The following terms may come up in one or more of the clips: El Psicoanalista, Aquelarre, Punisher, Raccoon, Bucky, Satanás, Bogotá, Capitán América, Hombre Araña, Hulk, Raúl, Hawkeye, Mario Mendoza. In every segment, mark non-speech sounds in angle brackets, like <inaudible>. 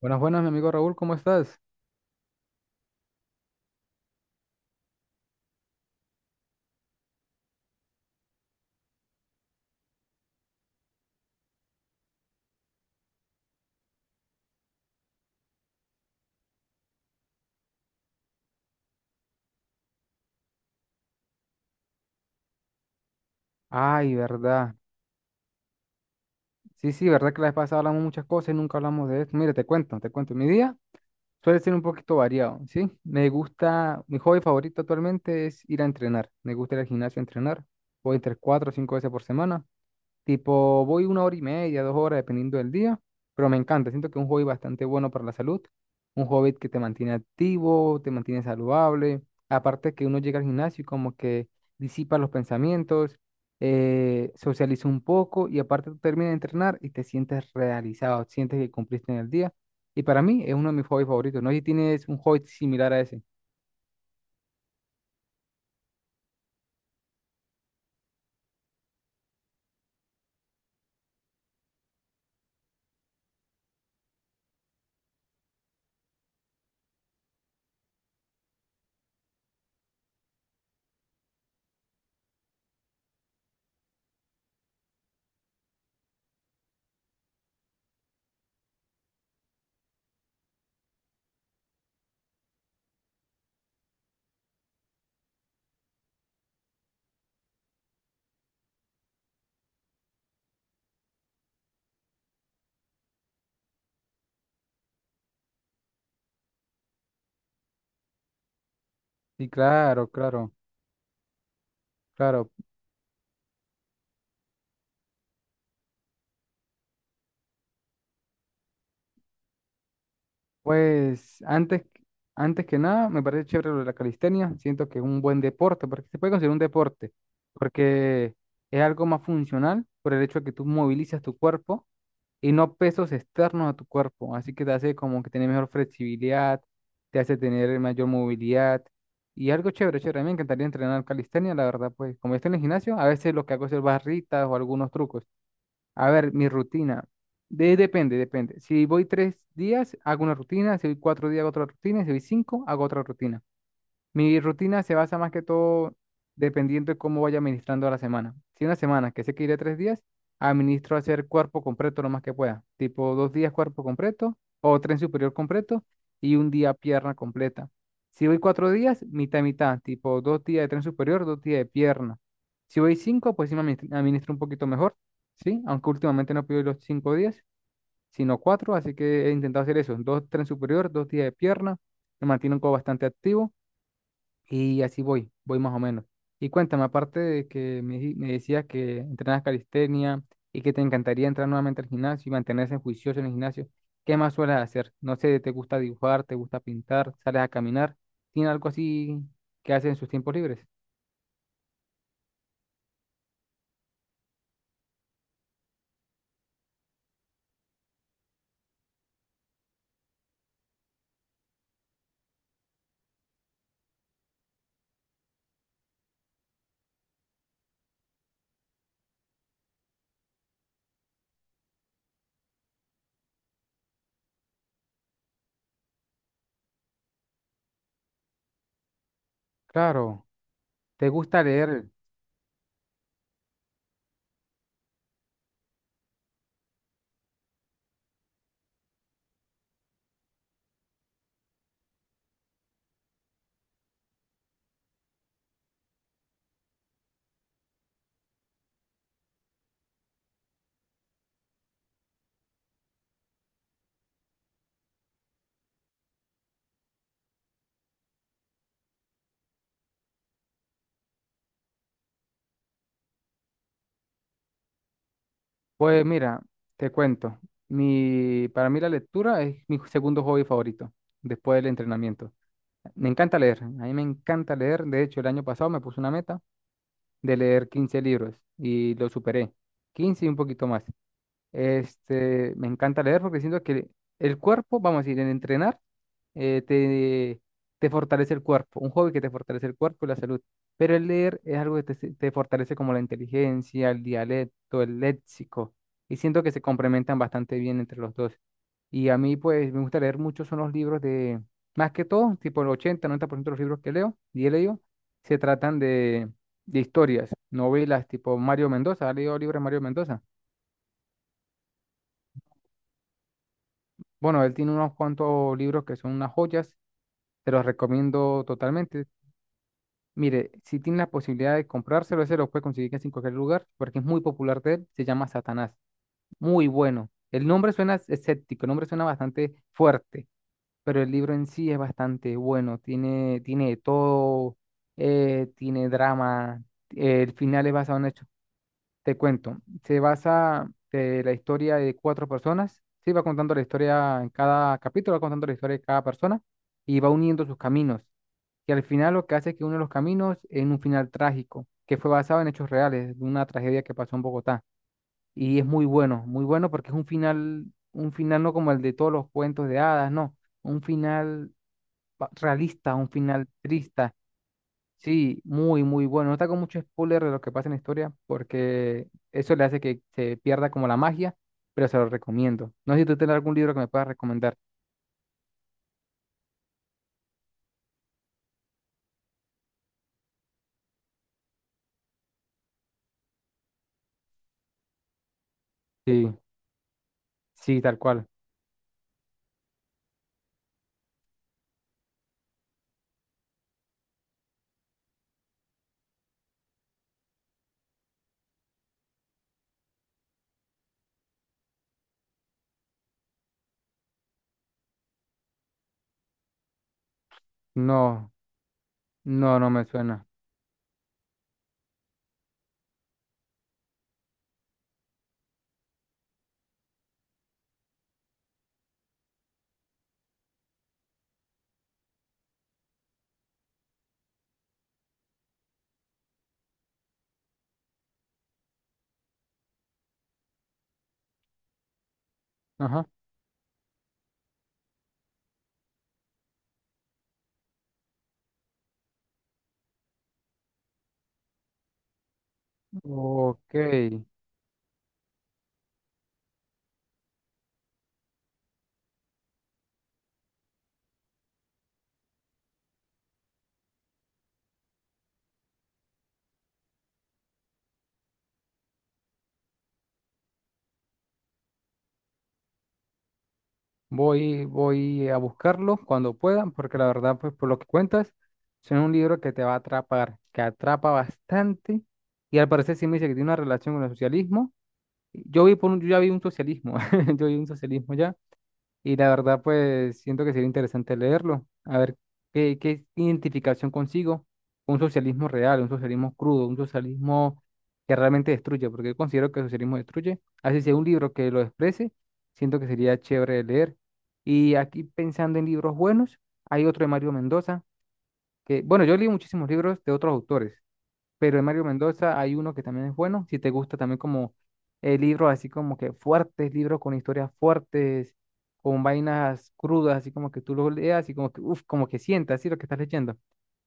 Buenas, buenas, mi amigo Raúl, ¿cómo estás? Ay, verdad. Sí, sí, verdad que la vez pasada hablamos muchas cosas y nunca hablamos de esto. Mire, te cuento, te cuento. Mi día suele ser un poquito variado, ¿sí? Me gusta, mi hobby favorito actualmente es ir a entrenar. Me gusta ir al gimnasio a entrenar. Voy entre cuatro o cinco veces por semana. Tipo, voy una hora y media, dos horas, dependiendo del día, pero me encanta. Siento que es un hobby bastante bueno para la salud. Un hobby que te mantiene activo, te mantiene saludable. Aparte que uno llega al gimnasio y como que disipa los pensamientos, socializa un poco y aparte tú terminas de entrenar y te sientes realizado, sientes que cumpliste en el día. Y para mí es uno de mis hobbies favoritos. No sé si tienes un hobby similar a ese. Sí, claro, claro, claro. Pues antes, antes que nada, me parece chévere lo de la calistenia. Siento que es un buen deporte, porque se puede considerar un deporte, porque es algo más funcional por el hecho de que tú movilizas tu cuerpo y no pesos externos a tu cuerpo. Así que te hace como que tener mejor flexibilidad, te hace tener mayor movilidad y algo chévere, chévere. A mí me encantaría entrenar calistenia, la verdad, pues como yo estoy en el gimnasio, a veces lo que hago es hacer barritas o algunos trucos. A ver, mi rutina. Depende, depende. Si voy tres días, hago una rutina. Si voy cuatro días, hago otra rutina. Si voy cinco, hago otra rutina. Mi rutina se basa más que todo dependiendo de cómo vaya administrando la semana. Si una semana que sé que iré tres días, administro hacer cuerpo completo lo más que pueda. Tipo dos días cuerpo completo o tren superior completo y un día pierna completa. Si voy cuatro días, mitad y mitad. Tipo dos días de tren superior, dos días de pierna. Si voy cinco, pues sí me administro un poquito mejor, ¿sí? Aunque últimamente no pido los cinco días, sino cuatro, así que he intentado hacer eso. Dos tren superior, dos días de pierna. Me mantiene un poco bastante activo y así voy, voy más o menos. Y cuéntame, aparte de que me, me decías que entrenas calistenia y que te encantaría entrar nuevamente al gimnasio y mantenerse juicioso en el gimnasio, ¿qué más sueles hacer? No sé, ¿te gusta dibujar, te gusta pintar, sales a caminar? ¿Tiene algo así que haces en sus tiempos libres? Claro, ¿te gusta leer? Pues mira, te cuento. Mi, para mí la lectura es mi segundo hobby favorito después del entrenamiento. Me encanta leer, a mí me encanta leer. De hecho, el año pasado me puse una meta de leer 15 libros y lo superé. 15 y un poquito más. Este, me encanta leer porque siento que el cuerpo, vamos a decir, en entrenar, te, te fortalece el cuerpo, un hobby que te fortalece el cuerpo y la salud. Pero el leer es algo que te, te fortalece como la inteligencia, el dialecto, el léxico. Y siento que se complementan bastante bien entre los dos. Y a mí, pues, me gusta leer mucho, son los libros de, más que todo, tipo el 80, 90% de los libros que leo y he leído, se tratan de historias, novelas tipo Mario Mendoza. ¿Has leído libros de Mario Mendoza? Bueno, él tiene unos cuantos libros que son unas joyas, te los recomiendo totalmente. Mire, si tiene la posibilidad de comprárselo, ese lo puede conseguir casi en cualquier lugar, porque es muy popular de él, se llama Satanás. Muy bueno. El nombre suena escéptico, el nombre suena bastante fuerte, pero el libro en sí es bastante bueno, tiene, tiene de todo, tiene drama, el final es basado en hechos. Te cuento, se basa de la historia de cuatro personas, sí, va contando la historia en cada capítulo, va contando la historia de cada persona y va uniendo sus caminos. Y al final lo que hace es que une los caminos en un final trágico, que fue basado en hechos reales, de una tragedia que pasó en Bogotá. Y es muy bueno, muy bueno porque es un final no como el de todos los cuentos de hadas, no, un final realista, un final triste. Sí, muy, muy bueno. No te hago mucho spoiler de lo que pasa en la historia porque eso le hace que se pierda como la magia, pero se lo recomiendo. No sé si tú tienes algún libro que me puedas recomendar. Sí, sí, tal cual. No, no, no me suena. Ajá. Ok. Voy, voy a buscarlo cuando pueda porque la verdad, pues por lo que cuentas, suena un libro que te va a atrapar, que atrapa bastante y al parecer sí me dice que tiene una relación con el socialismo. Yo vi por un, yo ya vi un socialismo, <laughs> yo vi un socialismo ya. Y la verdad, pues siento que sería interesante leerlo, a ver qué, qué identificación consigo con un socialismo real, un socialismo crudo, un socialismo que realmente destruye, porque yo considero que el socialismo destruye. Así sea un libro que lo exprese, siento que sería chévere de leer. Y aquí pensando en libros buenos, hay otro de Mario Mendoza, que, bueno, yo leí muchísimos libros de otros autores, pero de Mario Mendoza hay uno que también es bueno, si te gusta también como libros así como que fuertes, libros con historias fuertes, con vainas crudas, así como que tú lo leas y como que, uf, como que sientas, así lo que estás leyendo.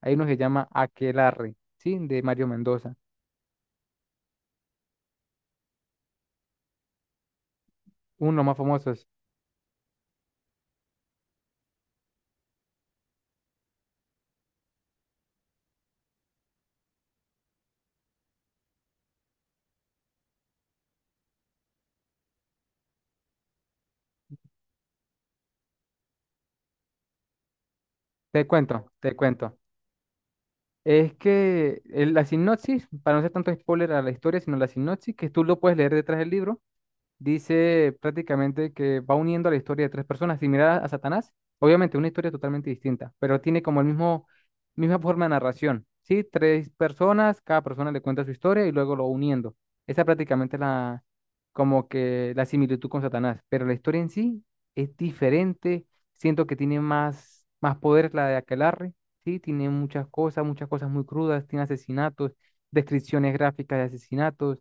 Hay uno que se llama Aquelarre, ¿sí? De Mario Mendoza, uno de los más famosos. Te cuento, te cuento. Es que la sinopsis, para no ser tanto spoiler a la historia, sino la sinopsis, que tú lo puedes leer detrás del libro dice prácticamente que va uniendo la historia de tres personas similar a Satanás. Obviamente, una historia totalmente distinta, pero tiene como el mismo, misma forma de narración. Sí, tres personas, cada persona le cuenta su historia y luego lo va uniendo. Esa prácticamente es la, como que la similitud con Satanás, pero la historia en sí es diferente. Siento que tiene más, más poder la de Aquelarre, sí, tiene muchas cosas muy crudas, tiene asesinatos, descripciones gráficas de asesinatos,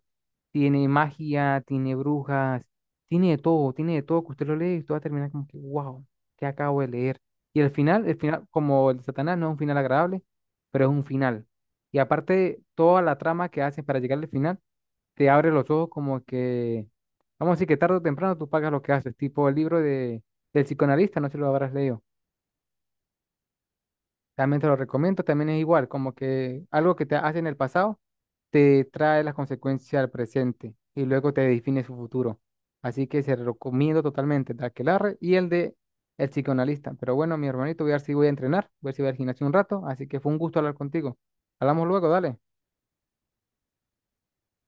tiene magia, tiene brujas, tiene de todo que usted lo lee y usted va a terminar como que, wow, ¿qué acabo de leer? Y el final, como el de Satanás, no es un final agradable, pero es un final. Y aparte, toda la trama que hacen para llegar al final, te abre los ojos como que, vamos a decir que tarde o temprano tú pagas lo que haces, tipo el libro de, del psicoanalista, no sé si lo habrás leído. También te lo recomiendo, también es igual, como que algo que te hace en el pasado te trae las consecuencias al presente y luego te define su futuro. Así que se lo recomiendo totalmente el de Aquelarre y el de El Psicoanalista. Pero bueno, mi hermanito, voy a ver si voy a entrenar, voy a ver si voy al gimnasio un rato, así que fue un gusto hablar contigo. Hablamos luego, dale.